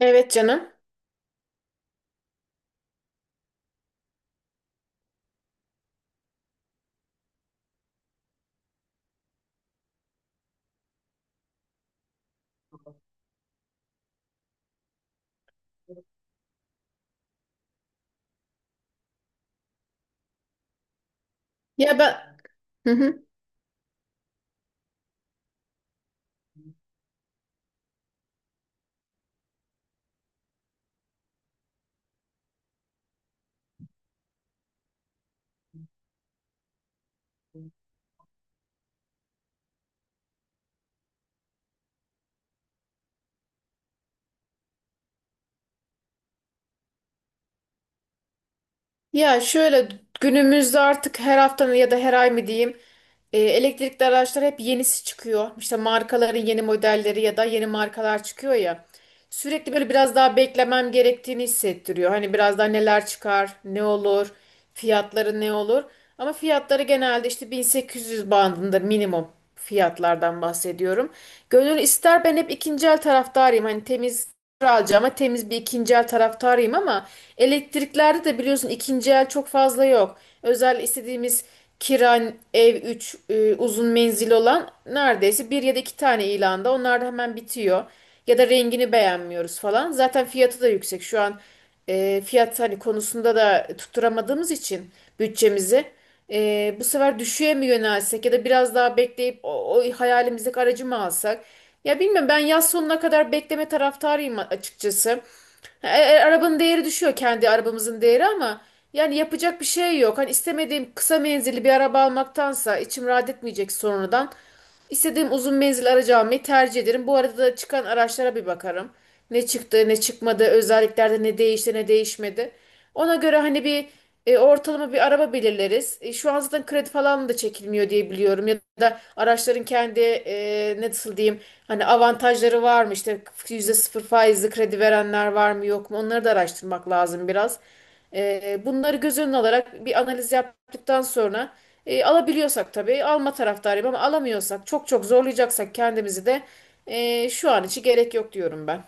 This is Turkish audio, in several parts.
Evet canım. Ya ben Hı hı. Ya şöyle, günümüzde artık her hafta mı ya da her ay mı diyeyim, elektrikli araçlar hep yenisi çıkıyor. İşte markaların yeni modelleri ya da yeni markalar çıkıyor ya. Sürekli böyle biraz daha beklemem gerektiğini hissettiriyor. Hani biraz daha neler çıkar, ne olur, fiyatları ne olur. Ama fiyatları genelde işte 1800 bandında minimum, fiyatlardan bahsediyorum. Gönül ister, ben hep ikinci el taraftarıyım. Hani temiz alacağım ama temiz bir ikinci el taraftarıyım, ama elektriklerde de biliyorsun ikinci el çok fazla yok. Özel istediğimiz Kiran ev 3 uzun menzil olan neredeyse bir ya da iki tane ilanda, onlar da hemen bitiyor. Ya da rengini beğenmiyoruz falan. Zaten fiyatı da yüksek. Şu an fiyat hani konusunda da tutturamadığımız için bütçemizi. Bu sefer düşüğe mi yönelsek ya da biraz daha bekleyip o hayalimizdeki aracı mı alsak? Ya bilmiyorum, ben yaz sonuna kadar bekleme taraftarıyım açıkçası. Arabanın değeri düşüyor, kendi arabamızın değeri, ama yani yapacak bir şey yok. Hani istemediğim kısa menzilli bir araba almaktansa içim rahat etmeyecek sonradan. İstediğim uzun menzil aracı almayı tercih ederim. Bu arada da çıkan araçlara bir bakarım. Ne çıktı, ne çıkmadı, özelliklerde ne değişti, ne değişmedi. Ona göre hani bir ortalama bir araba belirleriz. Şu an zaten kredi falan da çekilmiyor diye biliyorum. Ya da araçların kendi, ne nasıl diyeyim, hani avantajları var mı? İşte %0 faizli kredi verenler var mı yok mu? Onları da araştırmak lazım biraz. Bunları göz önüne alarak bir analiz yaptıktan sonra alabiliyorsak tabii alma taraftarıyım, ama alamıyorsak, çok çok zorlayacaksak kendimizi de, şu an için gerek yok diyorum ben.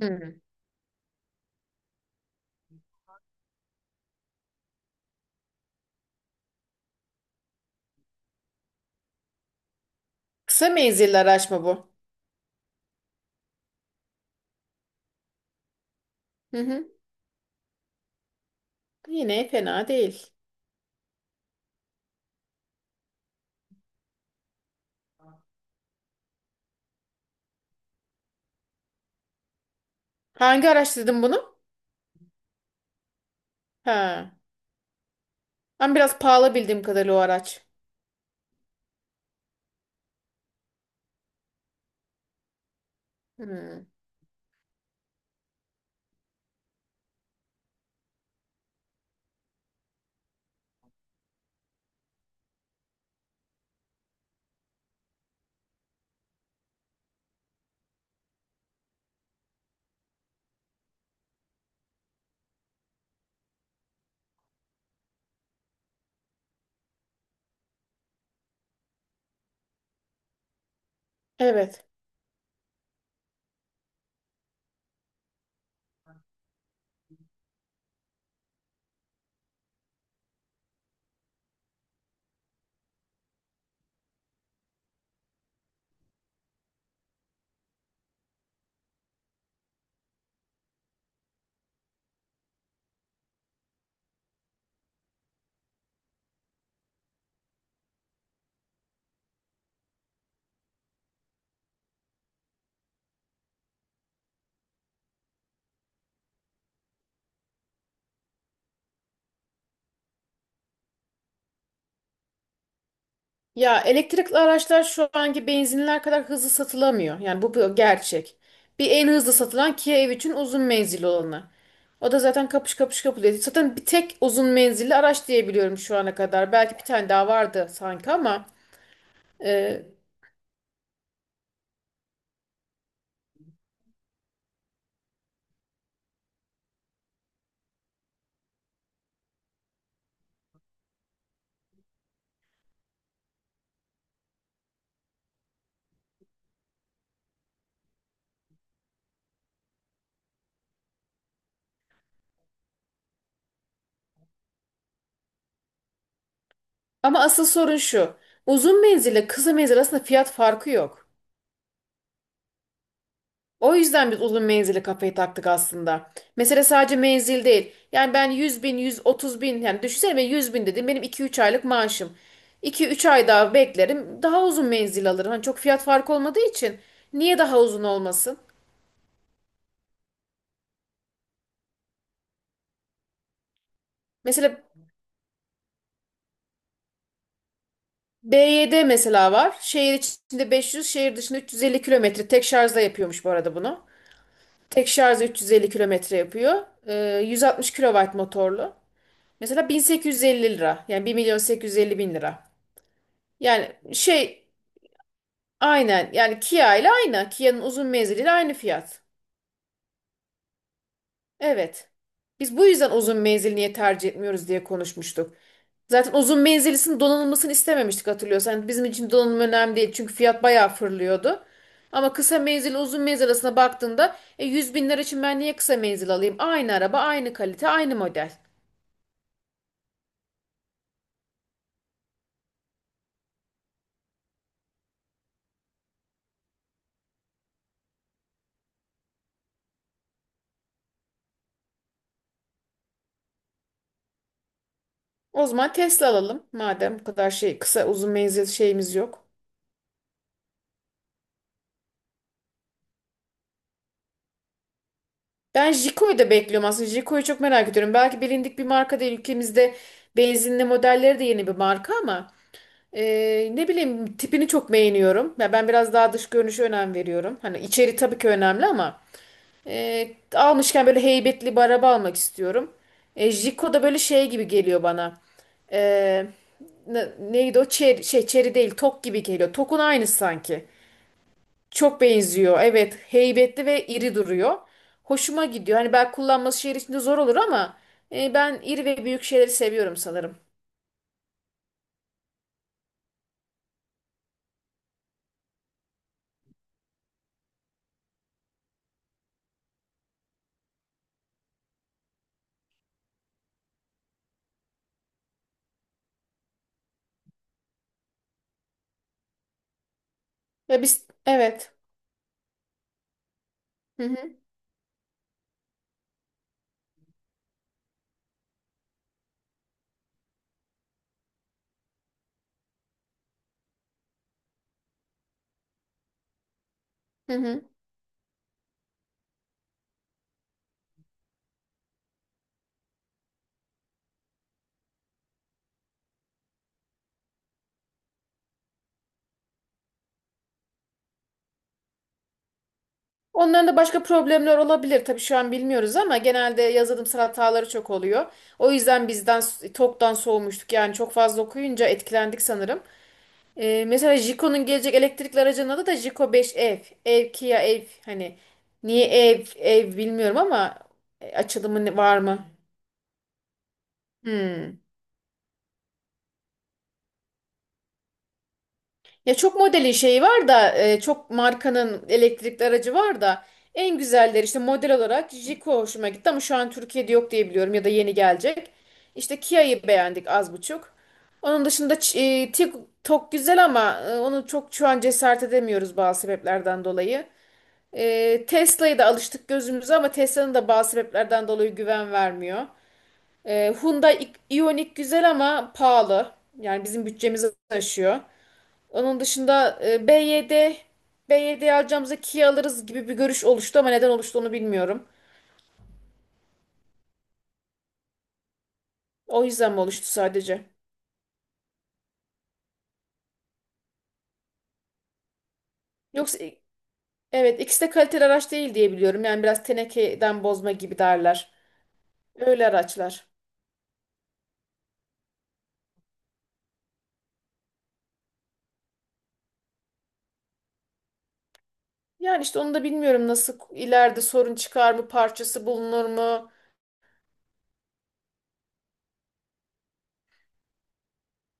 Hmm. Kısa menzilli araç mı bu? Hı hı. Yine fena değil. Hangi araç dedim bunu? Ha. Ama biraz pahalı bildiğim kadarıyla o araç. Hmm. Evet. Ya elektrikli araçlar şu anki benzinler kadar hızlı satılamıyor. Yani bu bir gerçek. Bir en hızlı satılan Kia EV3'ün uzun menzilli olanı. O da zaten kapış kapış kapılıyor. Zaten bir tek uzun menzilli araç diyebiliyorum şu ana kadar. Belki bir tane daha vardı sanki e, ama asıl sorun şu. Uzun menzille kısa menzil arasında fiyat farkı yok. O yüzden biz uzun menzili kafayı taktık aslında. Mesela sadece menzil değil. Yani ben 100 bin, 130 bin, yani düşünsene, ben 100 bin dedim benim 2-3 aylık maaşım. 2-3 ay daha beklerim, daha uzun menzil alırım. Hani çok fiyat farkı olmadığı için niye daha uzun olmasın? Mesela BYD mesela var. Şehir içinde 500, şehir dışında 350 kilometre. Tek şarjla yapıyormuş bu arada bunu. Tek şarjla 350 kilometre yapıyor. 160 kilowatt motorlu. Mesela 1850 lira. Yani 1 milyon 850 bin lira. Yani aynen, yani Kia ile aynı. Kia'nın uzun menziliyle aynı fiyat. Evet. Biz bu yüzden uzun menzil niye tercih etmiyoruz diye konuşmuştuk. Zaten uzun menzilisinin donanılmasını istememiştik, hatırlıyorsan. Yani bizim için donanım önemli değil çünkü fiyat bayağı fırlıyordu. Ama kısa menzil uzun menzil arasına baktığında, 100 bin lira için ben niye kısa menzil alayım? Aynı araba, aynı kalite, aynı model. O zaman Tesla alalım madem bu kadar kısa uzun menzil şeyimiz yok. Ben Jiko'yu da bekliyorum aslında. Jiko'yu çok merak ediyorum. Belki bilindik bir marka değil. Ülkemizde benzinli modelleri de yeni bir marka ama e, ne bileyim, tipini çok beğeniyorum. Ya ben biraz daha dış görünüşe önem veriyorum. Hani içeri tabii ki önemli ama e, almışken böyle heybetli bir araba almak istiyorum. Jiko da böyle şey gibi geliyor bana. E, Neydi o? Cherry, Çeri değil. Tok gibi geliyor. Tokun aynısı sanki. Çok benziyor. Evet, heybetli ve iri duruyor. Hoşuma gidiyor. Hani belki kullanması şehir içinde zor olur ama ben iri ve büyük şeyleri seviyorum sanırım. Ya biz evet. Hı hı, hı hı. Onların da başka problemler olabilir. Tabii şu an bilmiyoruz ama genelde yazılımsal hataları çok oluyor. O yüzden TOK'tan soğumuştuk. Yani çok fazla okuyunca etkilendik sanırım. Mesela Jiko'nun gelecek elektrikli aracının adı da Jiko 5 ev. Ev, Kia ev. Hani niye ev ev bilmiyorum ama açılımı var mı? Hmm. Ya çok modelin şeyi var da, çok markanın elektrikli aracı var da en güzelleri işte model olarak Jiko hoşuma gitti, ama şu an Türkiye'de yok diye biliyorum ya da yeni gelecek. İşte Kia'yı beğendik az buçuk. Onun dışında TikTok güzel ama onu çok şu an cesaret edemiyoruz bazı sebeplerden dolayı. Tesla'ya da alıştık gözümüze ama Tesla'nın da bazı sebeplerden dolayı güven vermiyor. Hyundai Ioniq güzel ama pahalı. Yani bizim bütçemizi aşıyor. Onun dışında BYD alacağımıza Kia alırız gibi bir görüş oluştu ama neden oluştu onu bilmiyorum. O yüzden mi oluştu sadece? Yoksa evet, ikisi de kaliteli araç değil diye biliyorum. Yani biraz tenekeden bozma gibi derler. Öyle araçlar. Yani işte onu da bilmiyorum, nasıl ileride sorun çıkar mı, parçası bulunur mu?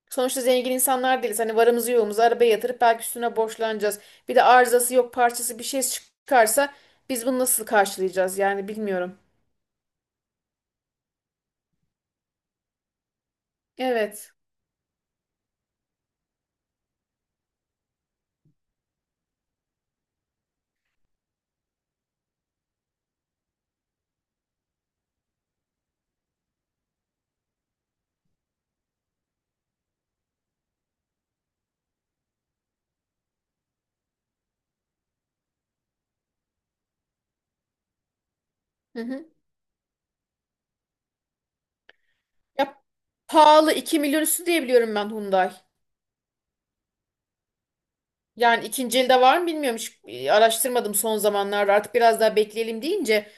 Sonuçta zengin insanlar değiliz. Hani varımızı yoğumuzu arabaya yatırıp belki üstüne borçlanacağız. Bir de arızası yok, parçası bir şey çıkarsa biz bunu nasıl karşılayacağız yani bilmiyorum. Evet. Hı hı. Ya pahalı, 2 milyon üstü diye biliyorum ben Hyundai. Yani ikinci elde var mı bilmiyorum. Hiç araştırmadım son zamanlarda. Artık biraz daha bekleyelim deyince,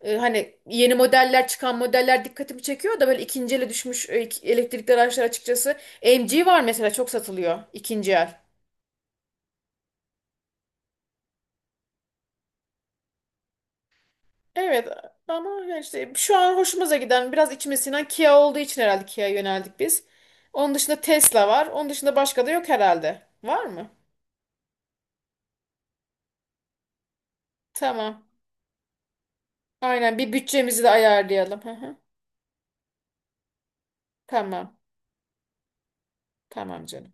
hani yeni modeller çıkan modeller dikkatimi çekiyor da böyle ikinci ele düşmüş elektrikli araçlar açıkçası. MG var mesela, çok satılıyor ikinci el. Evet, ama yani işte şu an hoşumuza giden biraz içime sinen Kia olduğu için herhalde Kia'ya yöneldik biz. Onun dışında Tesla var. Onun dışında başka da yok herhalde. Var mı? Tamam. Aynen, bir bütçemizi de ayarlayalım. Hı hı. Tamam. Tamam canım.